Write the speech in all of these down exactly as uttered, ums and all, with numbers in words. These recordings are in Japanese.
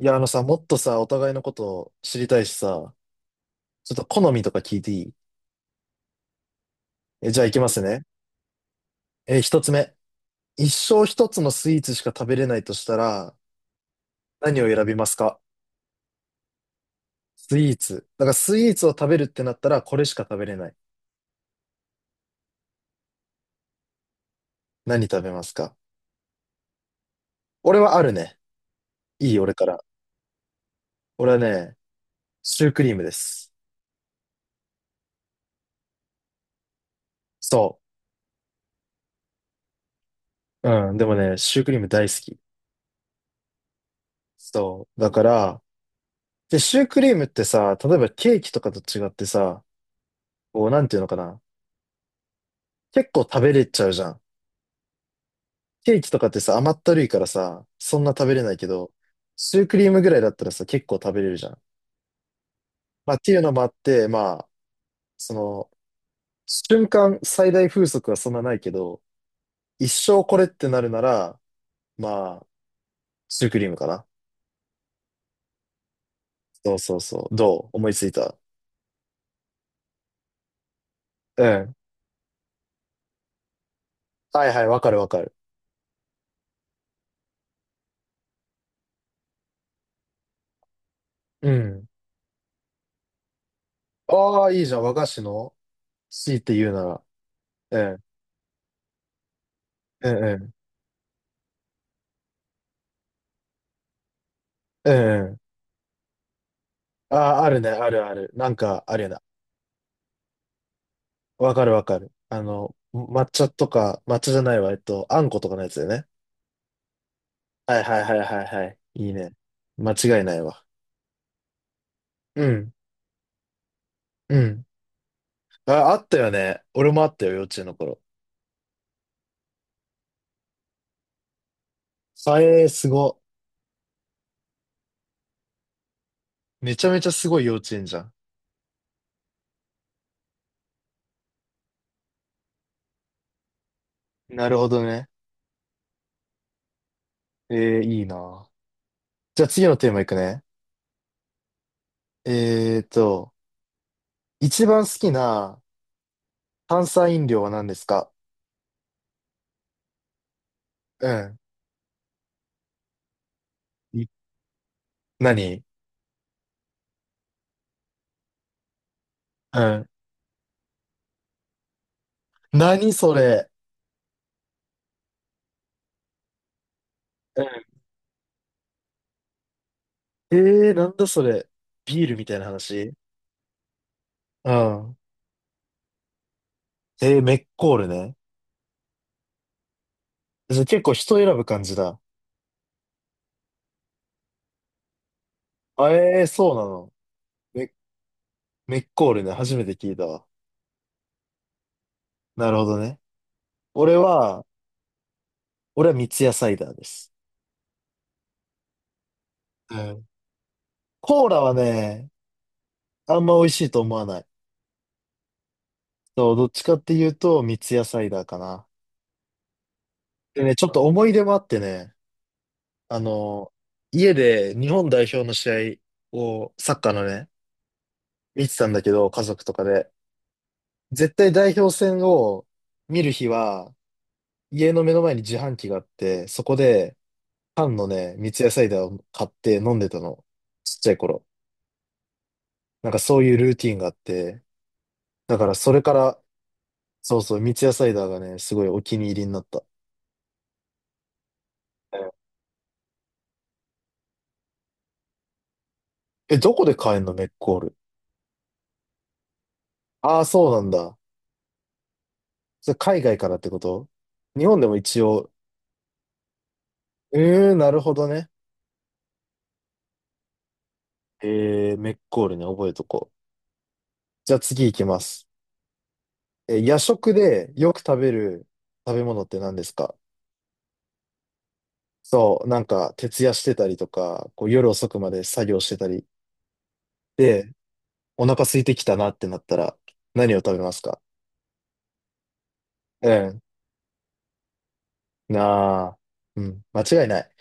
いや、あのさ、もっとさ、お互いのことを知りたいしさ、ちょっと好みとか聞いていい？え、じゃあ行きますね。え、一つ目。一生一つのスイーツしか食べれないとしたら、何を選びますか？スイーツ。だからスイーツを食べるってなったら、これしか食べれない。何食べますか？俺はあるね。いい、俺から。俺はね、シュークリームです。そう。うん、でもね、シュークリーム大好き。そう。だから、で、シュークリームってさ、例えばケーキとかと違ってさ、こう、なんていうのかな。結構食べれちゃうじゃん。ケーキとかってさ、甘ったるいからさ、そんな食べれないけど、シュークリームぐらいだったらさ、結構食べれるじゃん。まあっていうのもあって、まあ、その、瞬間最大風速はそんなないけど、一生これってなるなら、まあ、シュークリームかな。そうそうそう。どう思いついた？うん。はいはい、わかるわかる。うん。ああ、いいじゃん。和菓子の シー って言うなら。うん。うんうん。うんうん。ああ、あるね、あるある。なんか、あるよね。わかるわかる。あの、抹茶とか、抹茶じゃないわ。えっと、あんことかのやつだよね。はいはいはいはいはい。いいね。間違いないわ。うん。うん。あ、あったよね。俺もあったよ、幼稚園の頃。あえー、すご。めちゃめちゃすごい幼稚園じゃん。なるほどね。えー、いいな。じゃあ次のテーマいくね。えーと、一番好きな炭酸飲料は何ですか？うん。い何？うん。何それ？うん。えー、なんだそれ。ビールみたいな話？うん。えー、メッコールね。それ結構人選ぶ感じだ。あ、えー、そうなの。メ、メッコールね。初めて聞いたわ。なるほどね。俺は、俺は三ツ矢サイダーです。うん。コーラはね、あんま美味しいと思わない。そう、どっちかっていうと、三ツ矢サイダーかな。でね、ちょっと思い出もあってね、あの、家で日本代表の試合を、サッカーのね、見てたんだけど、家族とかで。絶対代表戦を見る日は、家の目の前に自販機があって、そこで、缶のね、三ツ矢サイダーを買って飲んでたの。ちっちゃい頃。なんかそういうルーティンがあって、だからそれから、そうそう、三ツ矢サイダーがね、すごいお気に入りになった。うん。え、どこで買えんの、メッコール？ああ、そうなんだ。それ海外からってこと？日本でも一応、うーん、なるほどね。えー、メッコールね、覚えとこう。じゃあ次行きます。え、夜食でよく食べる食べ物って何ですか？そう、なんか、徹夜してたりとか、こう夜遅くまで作業してたり。で、お腹空いてきたなってなったら、何を食べますか？ うん。なあ。うん。間違いない。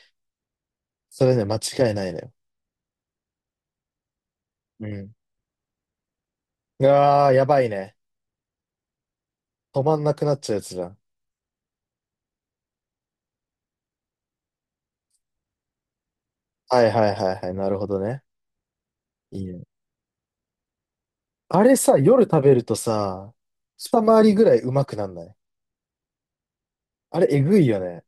それね、間違いないのよ。うん。うわあ、やばいね。止まんなくなっちゃうやつじゃん。はいはいはいはい。なるほどね。いいね。あれさ、夜食べるとさ、二回りぐらいうまくなんない？あれ、えぐいよね。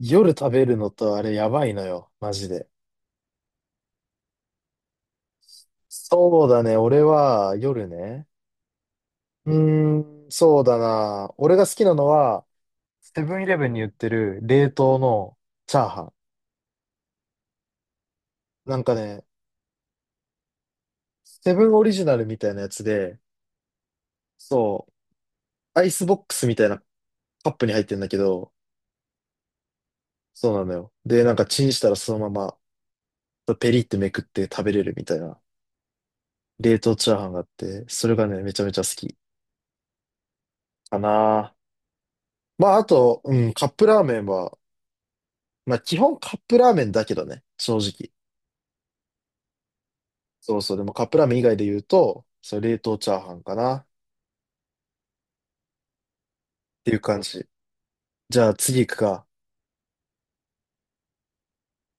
夜食べるのとあれ、やばいのよ。マジで。そうだね。俺は、夜ね。うーん、そうだな。俺が好きなのは、セブンイレブンに売ってる冷凍のチャーハン。なんかね、セブンオリジナルみたいなやつで、そう、アイスボックスみたいなカップに入ってんだけど、そうなのよ。で、なんかチンしたらそのまま、ペリってめくって食べれるみたいな、冷凍チャーハンがあって、それがね、めちゃめちゃ好きかな。まあ、あと、うん、カップラーメンは、まあ、基本カップラーメンだけどね、正直。そうそう、でもカップラーメン以外で言うと、それ冷凍チャーハンかな。ていう感じ。じゃあ次行くか。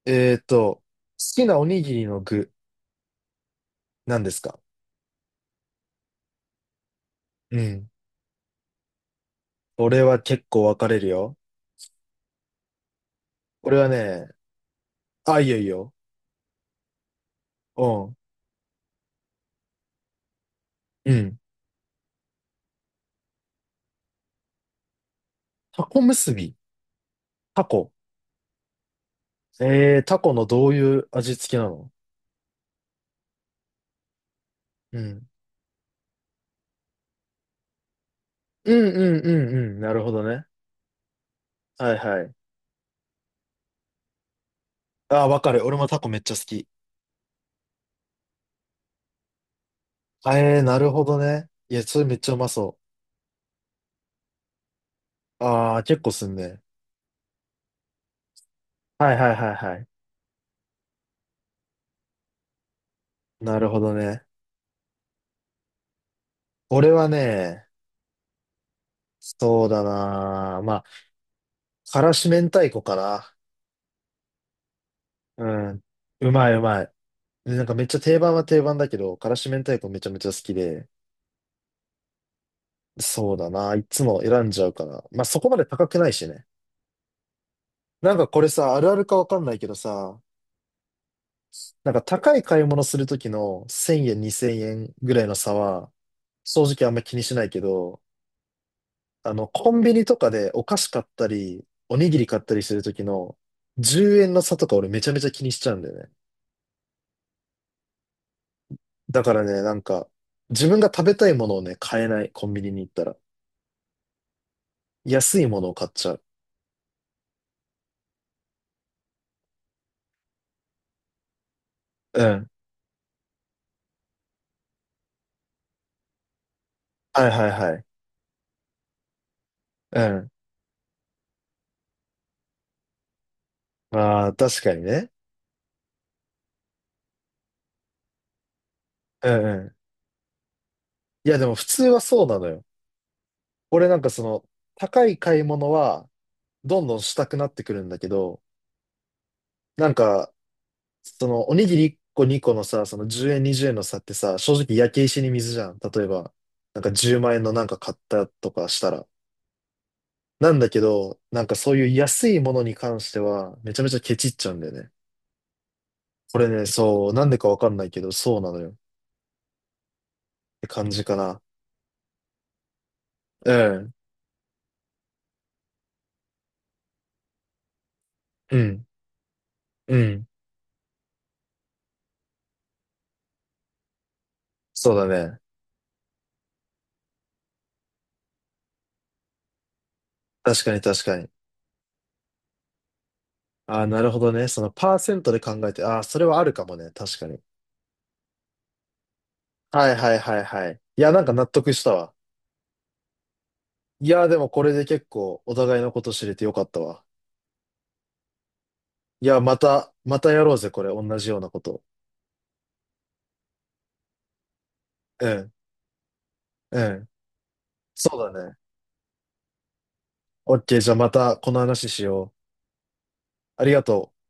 えーと、好きなおにぎりの具、何ですか？うん。俺は結構分かれるよ。俺はね、あ、いいよいいよ。うん。うん。タコ結び。タコ。えー、タコのどういう味付けなの？うん。うんうんうんうん。なるほどね。はいはい。あー、分かる。俺もタコめっちゃ好き。えー、なるほどね。いや、それめっちゃうまそう。あー、結構すんね。はいはいはいはい。なるほどね。俺はね、そうだな。まあ、からし明太子かな。うん。うまいうまい。で、なんかめっちゃ定番は定番だけど、からし明太子めちゃめちゃ好きで。そうだな。いつも選んじゃうから。まあそこまで高くないしね。なんかこれさ、あるあるかわかんないけどさ、なんか高い買い物するときのせんえん、にせんえんぐらいの差は、正直あんま気にしないけど、あの、コンビニとかでお菓子買ったり、おにぎり買ったりするときのじゅうえんの差とか俺めちゃめちゃ気にしちゃうんだよね。だからね、なんか、自分が食べたいものをね、買えない、コンビニに行ったら。安いものを買っちゃう。うん。はいはいはい。うん。ああ、確かにね。うんうん。いや、でも普通はそうなのよ。俺なんかその、高い買い物は、どんどんしたくなってくるんだけど、なんか、その、おにぎりいっこにこのさ、そのじゅうえんにじゅうえんの差ってさ、正直焼け石に水じゃん。例えば、なんかじゅうまん円のなんか買ったとかしたら。なんだけど、なんかそういう安いものに関しては、めちゃめちゃケチっちゃうんだよね。これね、そう、なんでかわかんないけど、そうなのよ。って感じかな。うん。うん。うん。そうだね。確かに確かに。ああ、なるほどね。そのパーセントで考えて、ああ、それはあるかもね。確かに。はいはいはいはい。いや、なんか納得したわ。いや、でもこれで結構お互いのこと知れてよかったわ。いや、また、またやろうぜ、これ。同じようなこと。うん。うん。そうだね。オッケー、じゃあまたこの話しよう。ありがとう。